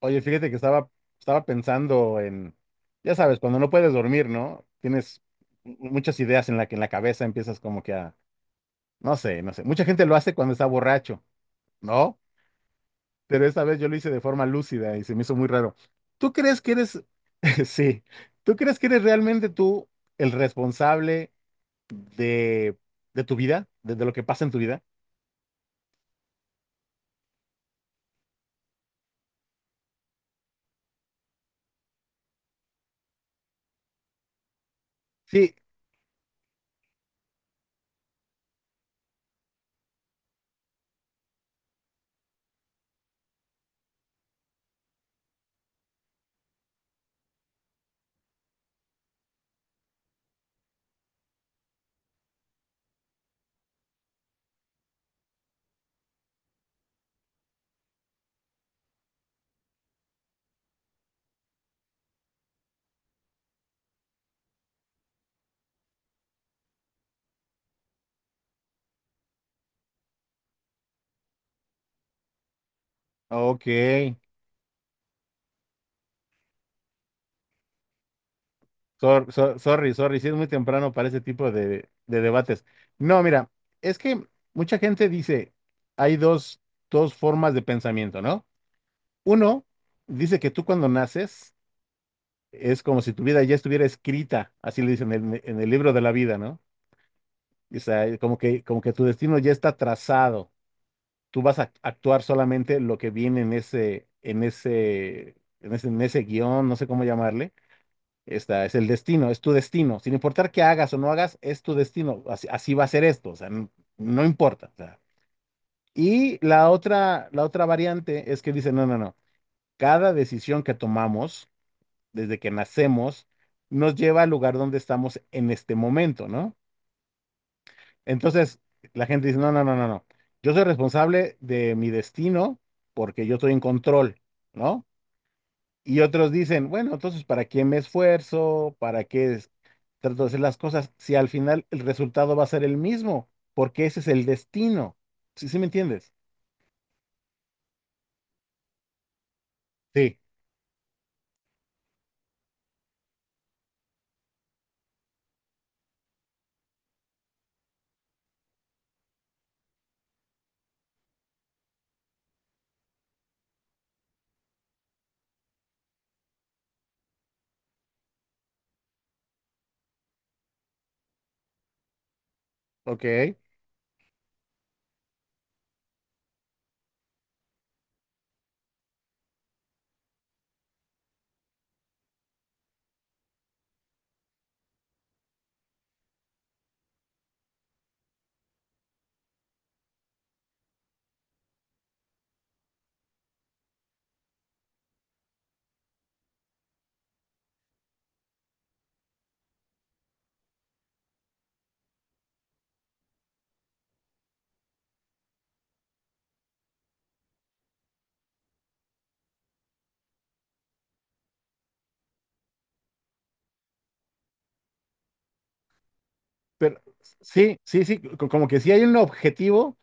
Oye, fíjate que estaba pensando en, ya sabes, cuando no puedes dormir, ¿no? Tienes muchas ideas en la cabeza, empiezas como que a, no sé, no sé. Mucha gente lo hace cuando está borracho, ¿no? Pero esta vez yo lo hice de forma lúcida y se me hizo muy raro. ¿Tú crees que eres, Sí, ¿tú crees que eres realmente tú el responsable de, de, tu vida, de lo que pasa en tu vida? Sí. Ok. Sorry, sorry, sí es muy temprano para ese tipo de debates. No, mira, es que mucha gente dice, hay dos formas de pensamiento, ¿no? Uno dice que tú, cuando naces, es como si tu vida ya estuviera escrita, así le dicen, en, el libro de la vida, ¿no? O sea, como que tu destino ya está trazado, tú vas a actuar solamente lo que viene en ese guión, no sé cómo llamarle. Esta es el destino, es tu destino. Sin importar qué hagas o no hagas, es tu destino. Así, así va a ser esto, o sea, no importa, o sea. Y la otra variante es que dice, no, no, no. Cada decisión que tomamos desde que nacemos nos lleva al lugar donde estamos en este momento, ¿no? Entonces, la gente dice, no, no, no, no, no. Yo soy responsable de mi destino porque yo estoy en control, ¿no? Y otros dicen, bueno, entonces, ¿para qué me esfuerzo? ¿Para qué trato de hacer las cosas? Si al final el resultado va a ser el mismo, porque ese es el destino. ¿Sí, sí me entiendes? Sí. Ok. Pero sí, sí, sí, como que sí hay un objetivo,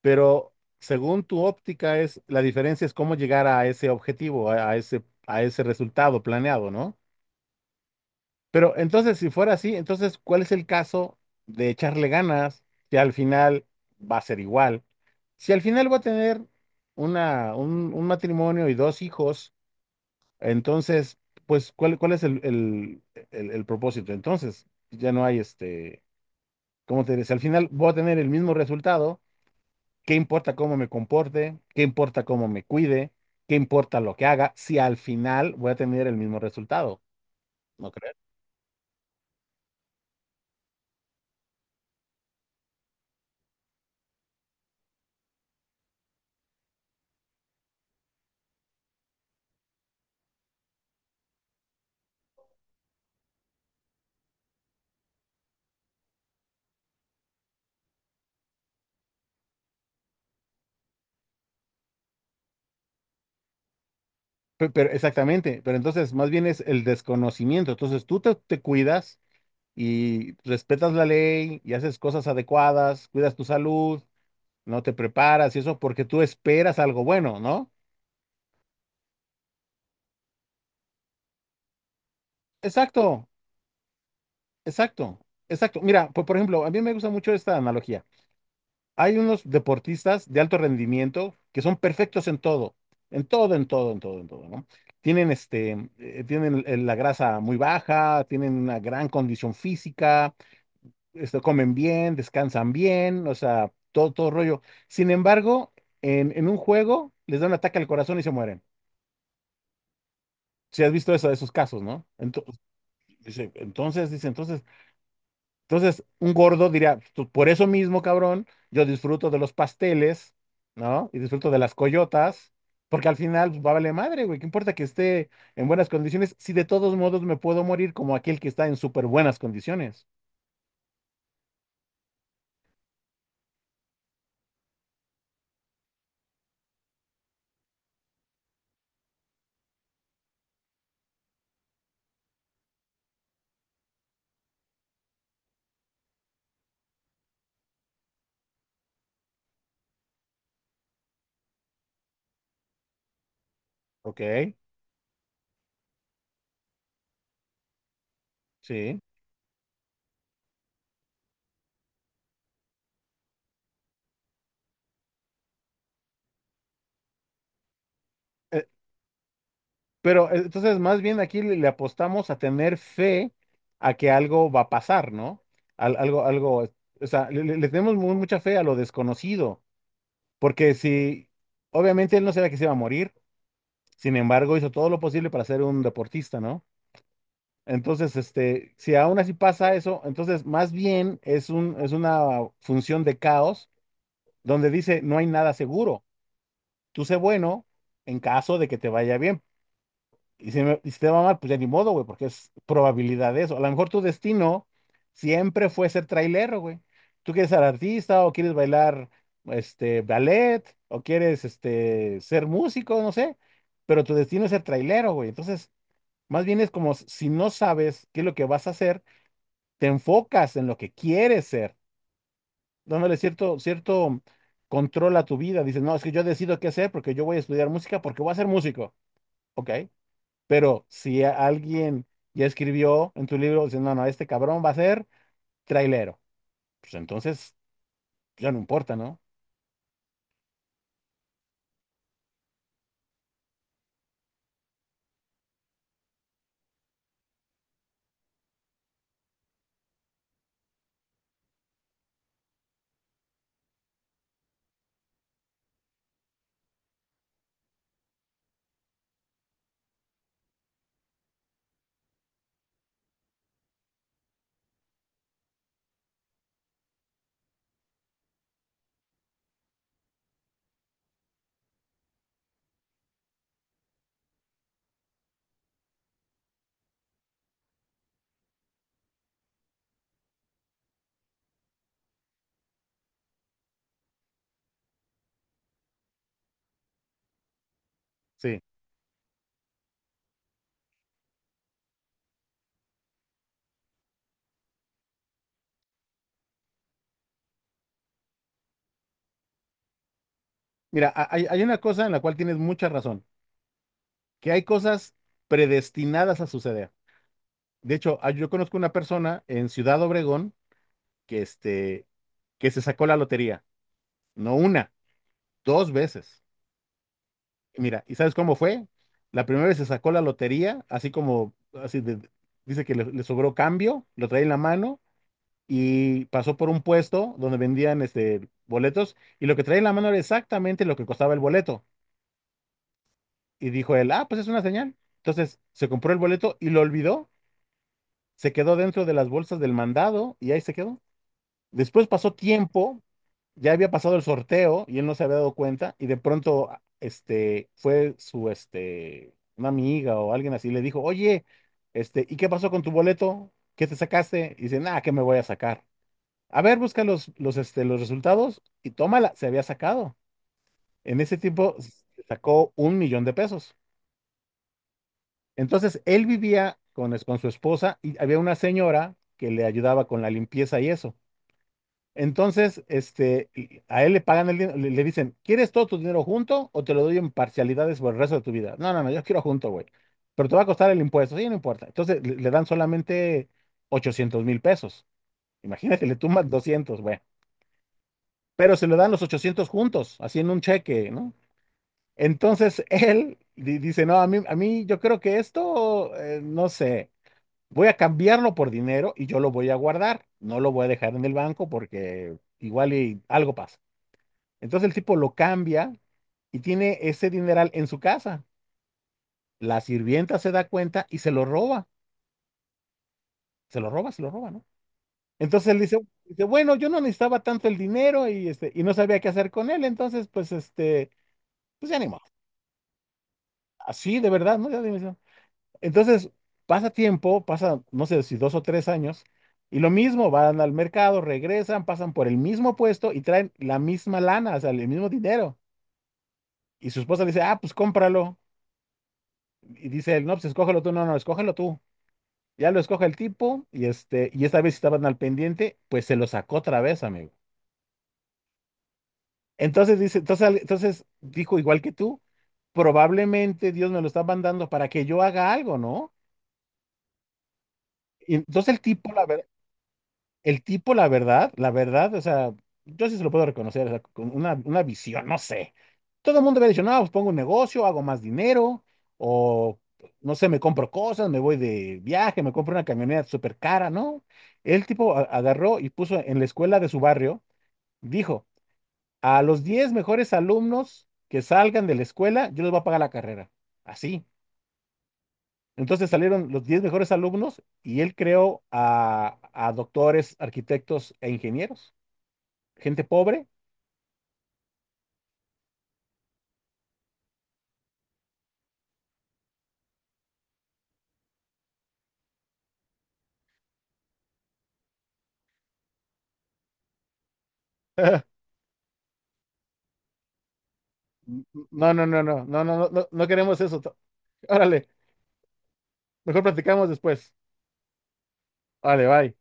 pero según tu óptica es, la diferencia es cómo llegar a ese objetivo, a ese resultado planeado, ¿no? Pero entonces, si fuera así, entonces, ¿cuál es el caso de echarle ganas, que al final va a ser igual? Si al final voy a tener un matrimonio y dos hijos, entonces, pues, ¿¿cuál es el propósito? Entonces, ya no hay ¿cómo te diré? Si al final voy a tener el mismo resultado, ¿qué importa cómo me comporte? ¿Qué importa cómo me cuide? ¿Qué importa lo que haga? Si al final voy a tener el mismo resultado, ¿no crees? Pero, exactamente, pero entonces más bien es el desconocimiento. Entonces tú te cuidas y respetas la ley y haces cosas adecuadas, cuidas tu salud, no te preparas y eso porque tú esperas algo bueno, ¿no? Exacto, exacto, exacto. Mira, por ejemplo, a mí me gusta mucho esta analogía. Hay unos deportistas de alto rendimiento que son perfectos en todo, en todo, en todo, en todo, en todo, ¿no? Tienen la grasa muy baja, tienen una gran condición física, comen bien, descansan bien, o sea, todo, todo rollo. Sin embargo, en, un juego les da un ataque al corazón y se mueren. ¿Si has visto eso, de esos casos, no? Dice, entonces, un gordo diría, Por eso mismo, cabrón, yo disfruto de los pasteles, ¿no? Y disfruto de las coyotas, porque al final, pues, va a valer madre, güey, ¿qué importa que esté en buenas condiciones si de todos modos me puedo morir como aquel que está en súper buenas condiciones?" Ok. Sí. Eh, pero entonces, más bien aquí le apostamos a tener fe a que algo va a pasar, ¿no? Algo, algo, o sea, le tenemos mucha fe a lo desconocido. Porque, si, obviamente él no sabía que se iba a morir, sin embargo hizo todo lo posible para ser un deportista, ¿no? Entonces, si aún así pasa eso, entonces más bien es una función de caos, donde dice, no hay nada seguro. Tú sé bueno en caso de que te vaya bien, y si te va mal, pues ya ni modo, güey, porque es probabilidad de eso. A lo mejor tu destino siempre fue ser trailero, güey. Tú quieres ser artista o quieres bailar, ballet, o quieres, ser músico, no sé, pero tu destino es ser trailero, güey. Entonces, más bien es como si no sabes qué es lo que vas a hacer, te enfocas en lo que quieres ser, dándole cierto, cierto control a tu vida. Dices, no, es que yo decido qué hacer porque yo voy a estudiar música porque voy a ser músico. Ok. Pero si alguien ya escribió en tu libro, dice, no, no, este cabrón va a ser trailero, pues entonces ya no importa, ¿no? Sí. Mira, hay una cosa en la cual tienes mucha razón, que hay cosas predestinadas a suceder. De hecho, ah, yo conozco una persona en Ciudad Obregón que, este, que se sacó la lotería, no una, dos veces. Y mira, ¿y sabes cómo fue? La primera vez se sacó la lotería, así como, así de- dice que le sobró cambio, lo trae en la mano y pasó por un puesto donde vendían, boletos, y lo que traía en la mano era exactamente lo que costaba el boleto. Y dijo él, ah, pues es una señal. Entonces se compró el boleto y lo olvidó, se quedó dentro de las bolsas del mandado y ahí se quedó. Después pasó tiempo, ya había pasado el sorteo y él no se había dado cuenta, y de pronto, ah, fue su, una amiga o alguien así, le dijo, oye, ¿y qué pasó con tu boleto? ¿Qué te sacaste? Y dice, nada, ¿qué me voy a sacar? A ver, busca los resultados, y tómala, se había sacado. En ese tiempo sacó 1,000,000 pesos. Entonces, él vivía con su esposa, y había una señora que le ayudaba con la limpieza y eso. Entonces, y a él le pagan el dinero, le dicen, ¿quieres todo tu dinero junto o te lo doy en parcialidades por el resto de tu vida? No, no, no, yo quiero junto, güey. Pero te va a costar el impuesto. Sí, no importa. Entonces, le dan solamente 800,000 pesos. Imagínate, le tumban 200, güey. Pero se le dan los 800 juntos, así, en un cheque, ¿no? Entonces él dice, no, a mí, yo creo que esto, no sé, voy a cambiarlo por dinero y yo lo voy a guardar, no lo voy a dejar en el banco porque igual y algo pasa. Entonces el tipo lo cambia y tiene ese dineral en su casa. La sirvienta se da cuenta y se lo roba, se lo roba, se lo roba, ¿no? Entonces él dice, bueno, yo no necesitaba tanto el dinero, y, y no sabía qué hacer con él, entonces pues, pues ya ni modo. Así, de verdad, no era dimensión. Entonces, pasa tiempo, pasa, no sé si 2 o 3 años, y lo mismo, van al mercado, regresan, pasan por el mismo puesto y traen la misma lana, o sea, el mismo dinero. Y su esposa le dice, ah, pues cómpralo. Y dice él, no, pues escógelo tú, no, no, escógelo tú. Ya lo escoge el tipo, y, y esta vez estaban al pendiente, pues se lo sacó otra vez, amigo. Entonces dijo, igual que tú, probablemente Dios me lo está mandando para que yo haga algo, ¿no? Y entonces el tipo, la verdad, la verdad, o sea, yo sí se lo puedo reconocer, o sea, con una, visión, no sé. Todo el mundo había dicho, no, pues pongo un negocio, hago más dinero, o no sé, me compro cosas, me voy de viaje, me compro una camioneta súper cara, ¿no? El tipo agarró y puso en la escuela de su barrio, dijo, a los 10 mejores alumnos que salgan de la escuela, yo les voy a pagar la carrera. Así. Entonces salieron los 10 mejores alumnos, y él creó a doctores, arquitectos e ingenieros, gente pobre. No, no, no, no, no, no, no, no, no queremos eso. Órale, mejor platicamos después. Vale, bye.